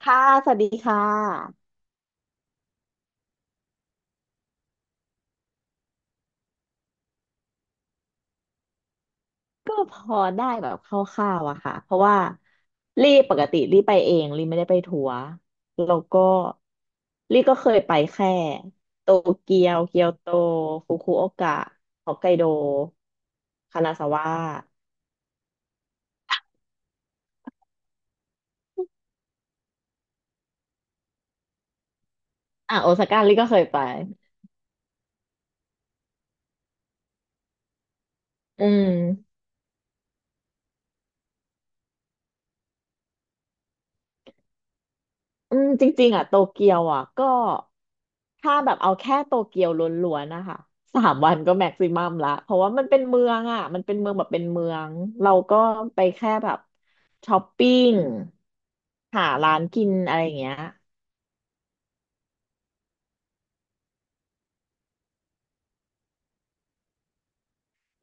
ค่ะสวัสดีค่ะ. ก็พอได้แบบคร่าวๆอะค่ะ เพราะว่าลี่ปกติลี่ไปเองลี่ไม่ได้ไปทัวร์แล้วก็ลี่ก็เคยไปแค่โตเกียว เกียวโตฟุกุโอกะฮอกไกโดคานาซาวะอ่ะโอซาก้าลี่ก็เคยไปอืม อืมจริงๆอ่ะโตเกียวอ่ะก็ถ้าแบบเอาแค่โตเกียวล้วนๆนะคะสามวันก็แม็กซิมัมละเพราะว่ามันเป็นเมืองอ่ะมันเป็นเมืองแบบเป็นเมืองเราก็ไปแค่แบบช้อปปิ้งหาร้านกินอะไรอย่างเงี้ย.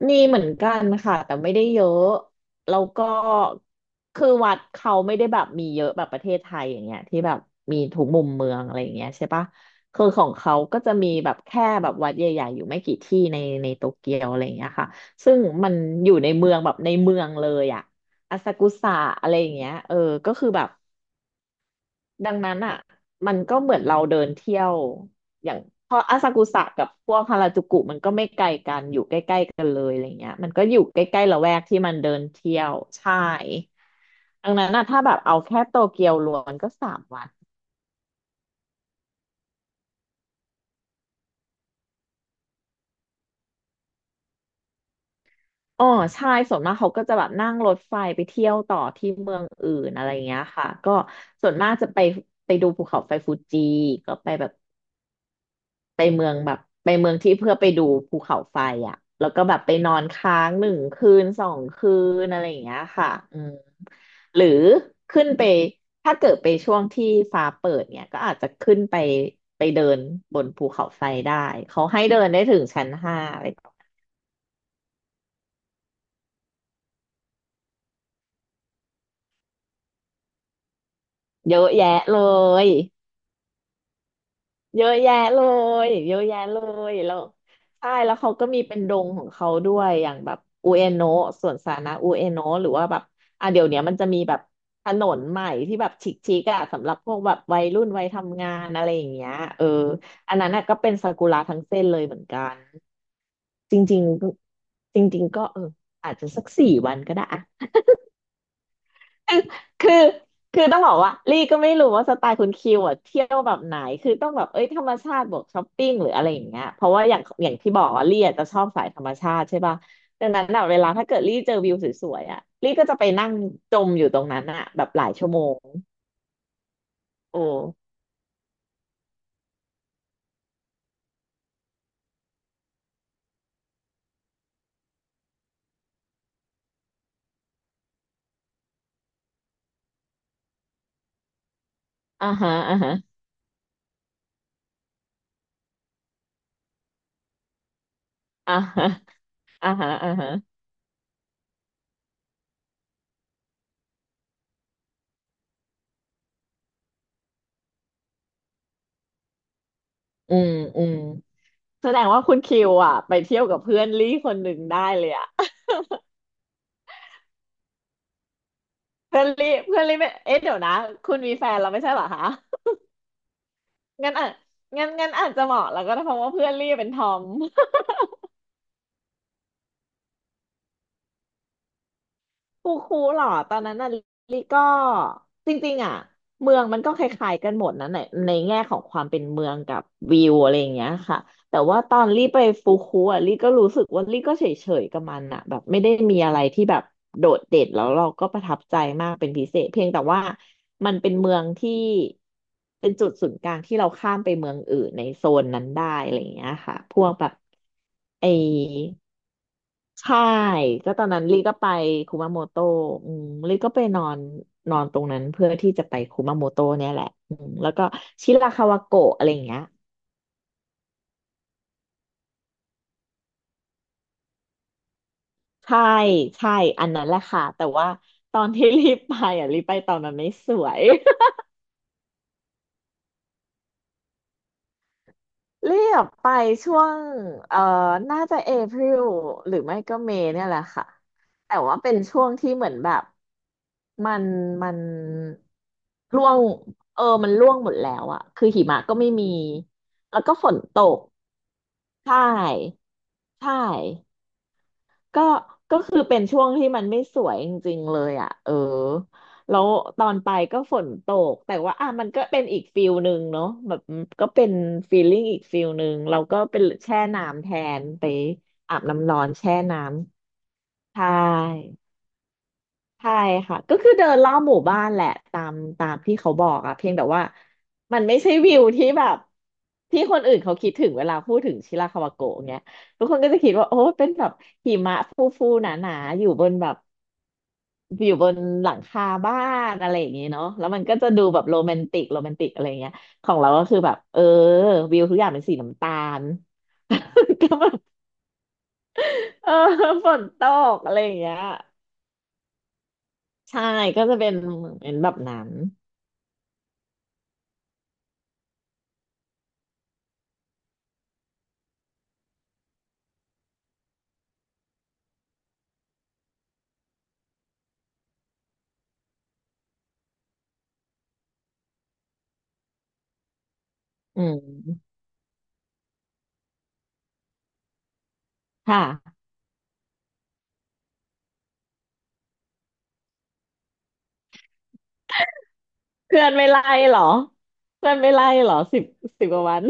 มีเหมือนกันค่ะแต่ไม่ได้เยอะแล้วก็คือวัดเขาไม่ได้แบบมีเยอะแบบประเทศไทยอย่างเงี้ยที่แบบมีทุกมุมเมืองอะไรอย่างเงี้ยใช่ปะคือของเขาก็จะมีแบบแค่แบบวัดใหญ่ๆอยู่ไม่กี่ที่ในโตเกียวอะไรอย่างเงี้ยค่ะซึ่งมันอยู่ในเมืองแบบในเมืองเลยอะอาซากุสะอะไรอย่างเงี้ยเออก็คือแบบ ดังนั้นอ่ะมันก็เหมือนเราเดินเที่ยวอย่างเพราะอาซากุสะกับพวกฮาราจูกุมันก็ไม่ไกลกันอยู่ใกล้ๆกันเลยอะไรเงี้ยมันก็อยู่ใกล้ๆละแวกที่มันเดินเที่ยวใช่ดังนั้นอ่ะถ้าแบบเอาแค่โตเกียวรวมมันก็สามวัน.อ๋อใช่ส่วนมากเขาก็จะแบบนั่งรถไฟไปเที่ยวต่อที่เมืองอื่นอะไรเงี้ยค่ะก็ส่วนมากจะไปไปดูภูเขาไฟฟูจิก็ไปแบบ ไปเมืองแบบไปเมืองที่เพื่อไปดูภูเขาไฟอ่ะแล้วก็แบบไปนอนค้าง1 คืน 2 คืนอะไรอย่างเงี้ยค่ะอืมหรือขึ้นไปถ้าเกิดไปช่วงที่ฟ้าเปิดเนี่ยก็อาจจะขึ้นไปไปเดินบนภูเขาไฟได้เขาให้เดินได้ถึงชั้น 5เลย.เยอะแยะเลย เยอะแยะเลยเยอะแยะเลยแล้วใช่แล้วเขาก็มีเป็นดงของเขาด้วยอย่างแบบอุเอโนะสวนสาธารณะอุเอโนะหรือว่าแบบอ่ะเดี๋ยวเนี้ยมันจะมีแบบถนนใหม่ที่แบบชิคๆอ่ะสำหรับพวกแบบวัยรุ่นวัยทำงานอะไรอย่างเงี้ยเอออันนั้นน่ะก็เป็นซากุระทั้งเส้นเลยเหมือนกันจริงๆจริงๆก็เอออาจจะสัก4 วันก็ได้อะ. คือคือคือต้องบอกว่าลี่ก็ไม่รู้ว่าสไตล์คุณคิวอ่ะเที่ยวแบบไหนคือต้องแบบเอ้ยธรรมชาติบวกช้อปปิ้งหรืออะไรอย่างเงี้ยเพราะว่าอย่างที่บอกว่าลี่อะจะชอบสายธรรมชาติใช่ป่ะดังนั้นอะเวลาถ้าเกิดลี่เจอวิวสวยๆอ่ะลี่ก็จะไปนั่งจมอยู่ตรงนั้นอ่ะแบบหลายชั่วโมง.โอ้อ่าฮะอ่าฮะอ่าฮะอ่าฮะอ่าฮะอืมอืมแสดงว่าคุณคิวอ่ะไปเที่ยวกับเพื่อนลี่คนหนึ่งได้เลยอ่ะ.เพื่อนลี่ไม่เอ๊ะเดี๋ยวนะคุณมีแฟนแล้วไม่ใช่เหรอคะ. งั้นอ่ะงั้นอาจจะเหมาะแล้วก็ได้เพราะว่าเพื่อนเรีบเป็นทอม. ฟูคูเหรอตอนนั้นน่ะลิก็จริงๆอ่ะเมืองมันก็คล้ายๆกันหมดนะในในแง่ของความเป็นเมืองกับวิวอะไรอย่างเงี้ยค่ะแต่ว่าตอนลี่ไปฟูคูอ่ะลี่ก็รู้สึกว่าลี่ก็เฉยๆกับมันอ่ะแบบไม่ได้มีอะไรที่แบบโดดเด่นแล้วเราก็ประทับใจมากเป็นพิเศษเพียงแต่ว่ามันเป็นเมืองที่เป็นจุดศูนย์กลางที่เราข้ามไปเมืองอื่นในโซนนั้นได้อะไรอย่างเงี้ยค่ะพวกแบบไอ. ใช่. ก็ตอนนั้นลี่ก็ไปคุมาโมโตะอืมลี่ก็ไปนอนนอนตรงนั้นเพื่อที่จะไปคุมาโมโตะเนี่ยแหละอืมแล้วก็ชิราคาวาโกะอะไรอย่างเงี้ย.ใช่ใช่อันนั้นแหละค่ะแต่ว่าตอนที่ รีบไปอ่ะรีบไปตอนมันไม่สวย. เรียบไปช่วงเอ่อน่าจะเอพ i ิลหรือไม่ก็เมย์เนี่ยแหละค่ะ. แต่ว่าเป็นช่วงที่เหมือนแบบมันมันร่วงเออมันร่วงหมดแล้วอะคือหิมะก็ไม่มี แล้วก็ฝนตก.ใช่ใช่. ก็ก็คือเป็นช่วงที่มันไม่สวยจริงๆเลยอ่ะเออแล้วตอนไปก็ฝนตกแต่ว่าอ่ะมันก็เป็นอีกฟิลหนึ่งเนาะแบบก็เป็นฟีลลิ่งอีกฟิลหนึ่งเราก็เป็นแช่น้ำแทนไปอาบน้ำร้อนแช่น้ำใช่ ใช่ค่ะก็คือเดินรอบหมู่บ้านแหละตามตามที่เขาบอกอะเพียงแต่ว่ามันไม่ใช่วิวที่แบบที่คนอื่นเขาคิดถึงเวลาพูดถึงชิราคาวาโกะเงี้ยทุกคนก็จะคิดว่าโอ้เป็นแบบหิมะฟูๆหนาๆอยู่บนแบบอยู่บนหลังคาบ้านอะไรอย่างงี้เนาะแล้วมันก็จะดูแบบโรแมนติกโรแมนติกอะไรเงี้ยของเราก็คือแบบเออวิวทุกอย่างเป็นสีน้ำตาล ก็แบบเออฝนตกอะไรอย่างเงี้ยใช่ก็จะเป็นแบบนั้น อืมค่ะเพื่อนไม่ไล่เหรอเพื่อนไม่ไล่เหรอสิบสิบกว่าวัน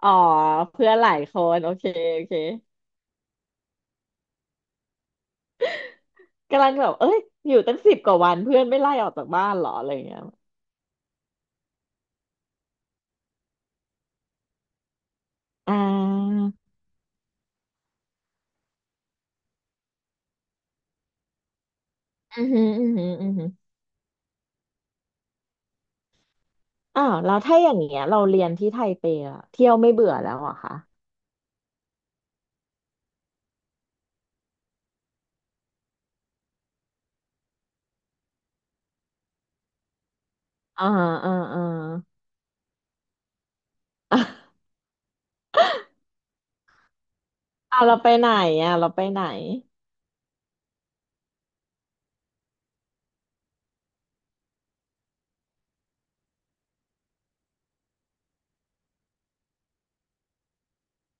อ๋อเพื่อนหลายคนโอเคโอเคกำลังแบบเอ้ยอยู่ตั้งสิบกว่าวันเพื่อนไม่ไล่ออกจากบ้านเหรออะไรอย่างเงี้ยอ่าอือหืออือหืออือหืออ้าวแล้วถ้าอย่างเงี้ยเราเรียนที่ไทเปอะเที่ยวไม่เบื่อแล้วเหรอคะอ่าอ่าอ่า อ่าเราไปไหนอ่ะเราไปไหน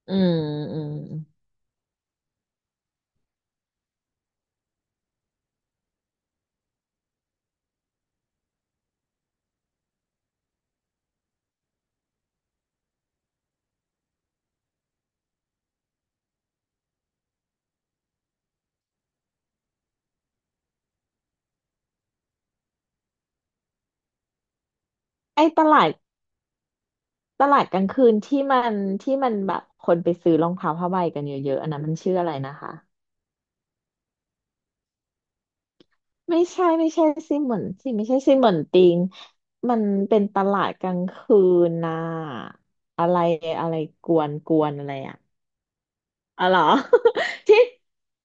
อืมอืมไอ้ตลาด ตลาดกลางคืนที่มันที่มันแบบคนไปซื้อรองเท้าผ้าใบกันเยอะๆอันนั้นมันชื่ออะไรนะคะไม่ใช่ไม่ใช่ซิเหมือนสิไม่ใช่ซิเหมือนติงมันเป็นตลาดกลางคืนนะอะไรอะไรกวนกวนอะไรอ่ะอ๋อเหรอ ที่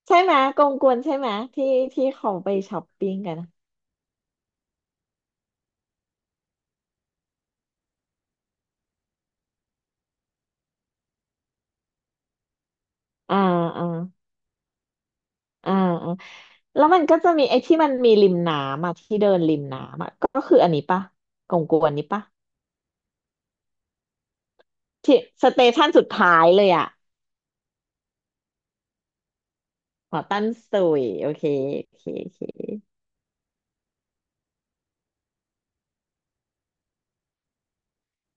ใช่ไหมกงกวนใช่ไหมที่ที่เขาไปช้อปปิ้งกันอ่าอ่าอ่าอ่าแล้วมันก็จะมีไอ้ที่มันมีริมน้ำอ่ะที่เดินริมน้ำอ่ะก็คืออันนี้ปะกงกวนนี้ปะ ที่สเตชันสุดท้ายเลยอ่ะหอตันซุยโอเคโอเคโอเค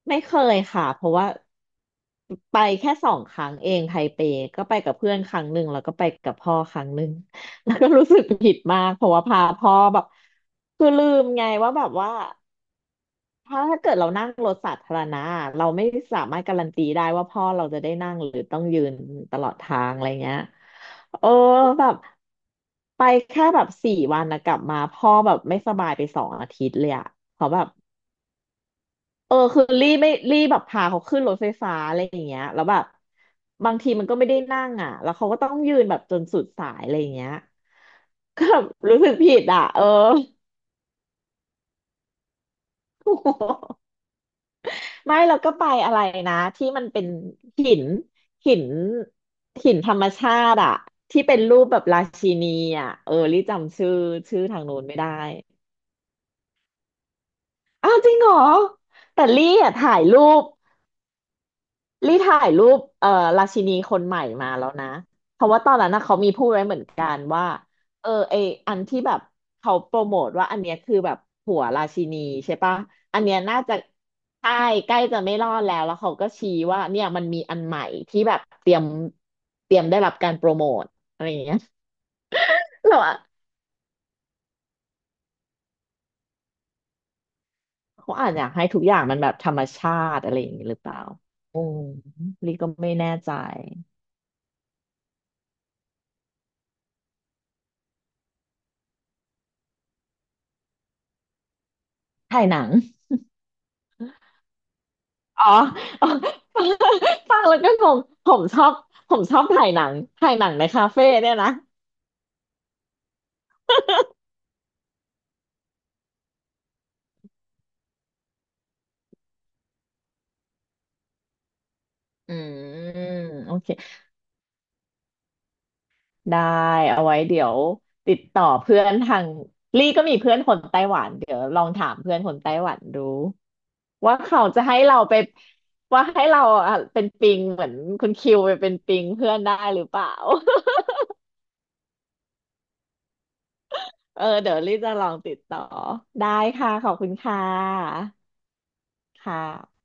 ไม่เคยค่ะเพราะว่าไปแค่สองครั้งเองไทเปก็ไปกับเพื่อนครั้งหนึ่งแล้วก็ไปกับพ่อครั้งหนึ่ง แล้วก็รู้สึกผิดมากเพราะว่าพาพ่อแบบคือลืมไงว่าแบบว่า ถ้าเกิดเรานั่งรถสาธารณะเราไม่สามารถการันตีได้ว่าพ่อเราจะได้นั่งหรือต้องยืนตลอดทางอะไรเงี้ยโอ้แบบไปแค่แบบสี่วันนะกลับมาพ่อแบบไม่สบายไปสองอาทิตย์เลยอะเขาแบบเออคือรีไม่รีแบบพาเขาขึ้นรถไฟฟ้าอะไรอย่างเงี้ยแล้วแบบบางทีมันก็ไม่ได้นั่งอ่ะแล้วเขาก็ต้องยืนแบบจนสุดสายอะไรอย่างเงี้ยก็แบบรู้สึกผิดอ่ะเออ ไม่เราก็ไปอะไรนะที่มันเป็นหินหินหินธรรมชาติอะที่เป็นรูปแบบราชินีอะเออลี่จำชื่อชื่อทางโน้นไม่ได้อ้าวจริงเหรอแต่ลี่อะถ่ายรูป ลี่ถ่ายรูปราชินีคนใหม่มาแล้วนะเพราะว่าตอนนั้นนะเขามีพูดไว้เหมือนกันว่าเออไออันที่แบบเขาโปรโมทว่าอันเนี้ยคือแบบหัวราชินีใช่ปะอันเนี้ยน่าจะใช่ใกล้จะไม่รอดแล้วแล้วเขาก็ชี้ว่าเนี่ยมันมีอันใหม่ที่แบบเตรียมได้รับการโปรโมทอะไรอย่างเงี้ย เราอะเขาอาจอยากให้ทุกอย่างมันแบบธรรมชาติอะไรอย่างงี้หรือเปล่าอืมลี่ก็ไม่แน่ใจถ่ายหนัง อ๋อ อ๋อฟังแล้วก็งงผมชอบผมชอบถ่ายหนังถ่ายหนังในคาเฟ่เนี่ยนะอืมโอเคได้เอาไว้เดี๋ยวติดต่อเพื่อนทางลี่ก็มีเพื่อนคนไต้หวันเดี๋ยวลองถามเพื่อนคนไต้หวันดูว่าเขาจะให้เราไปว่าให้เราอ่ะเป็นปิงเหมือนคุณคิวไปเป็นปิงเพื่อนได้หรือเปล่า เออเดี๋ยวลี่จะลองติดต่อได้ค่ะขอบคุณค่ะค่ะ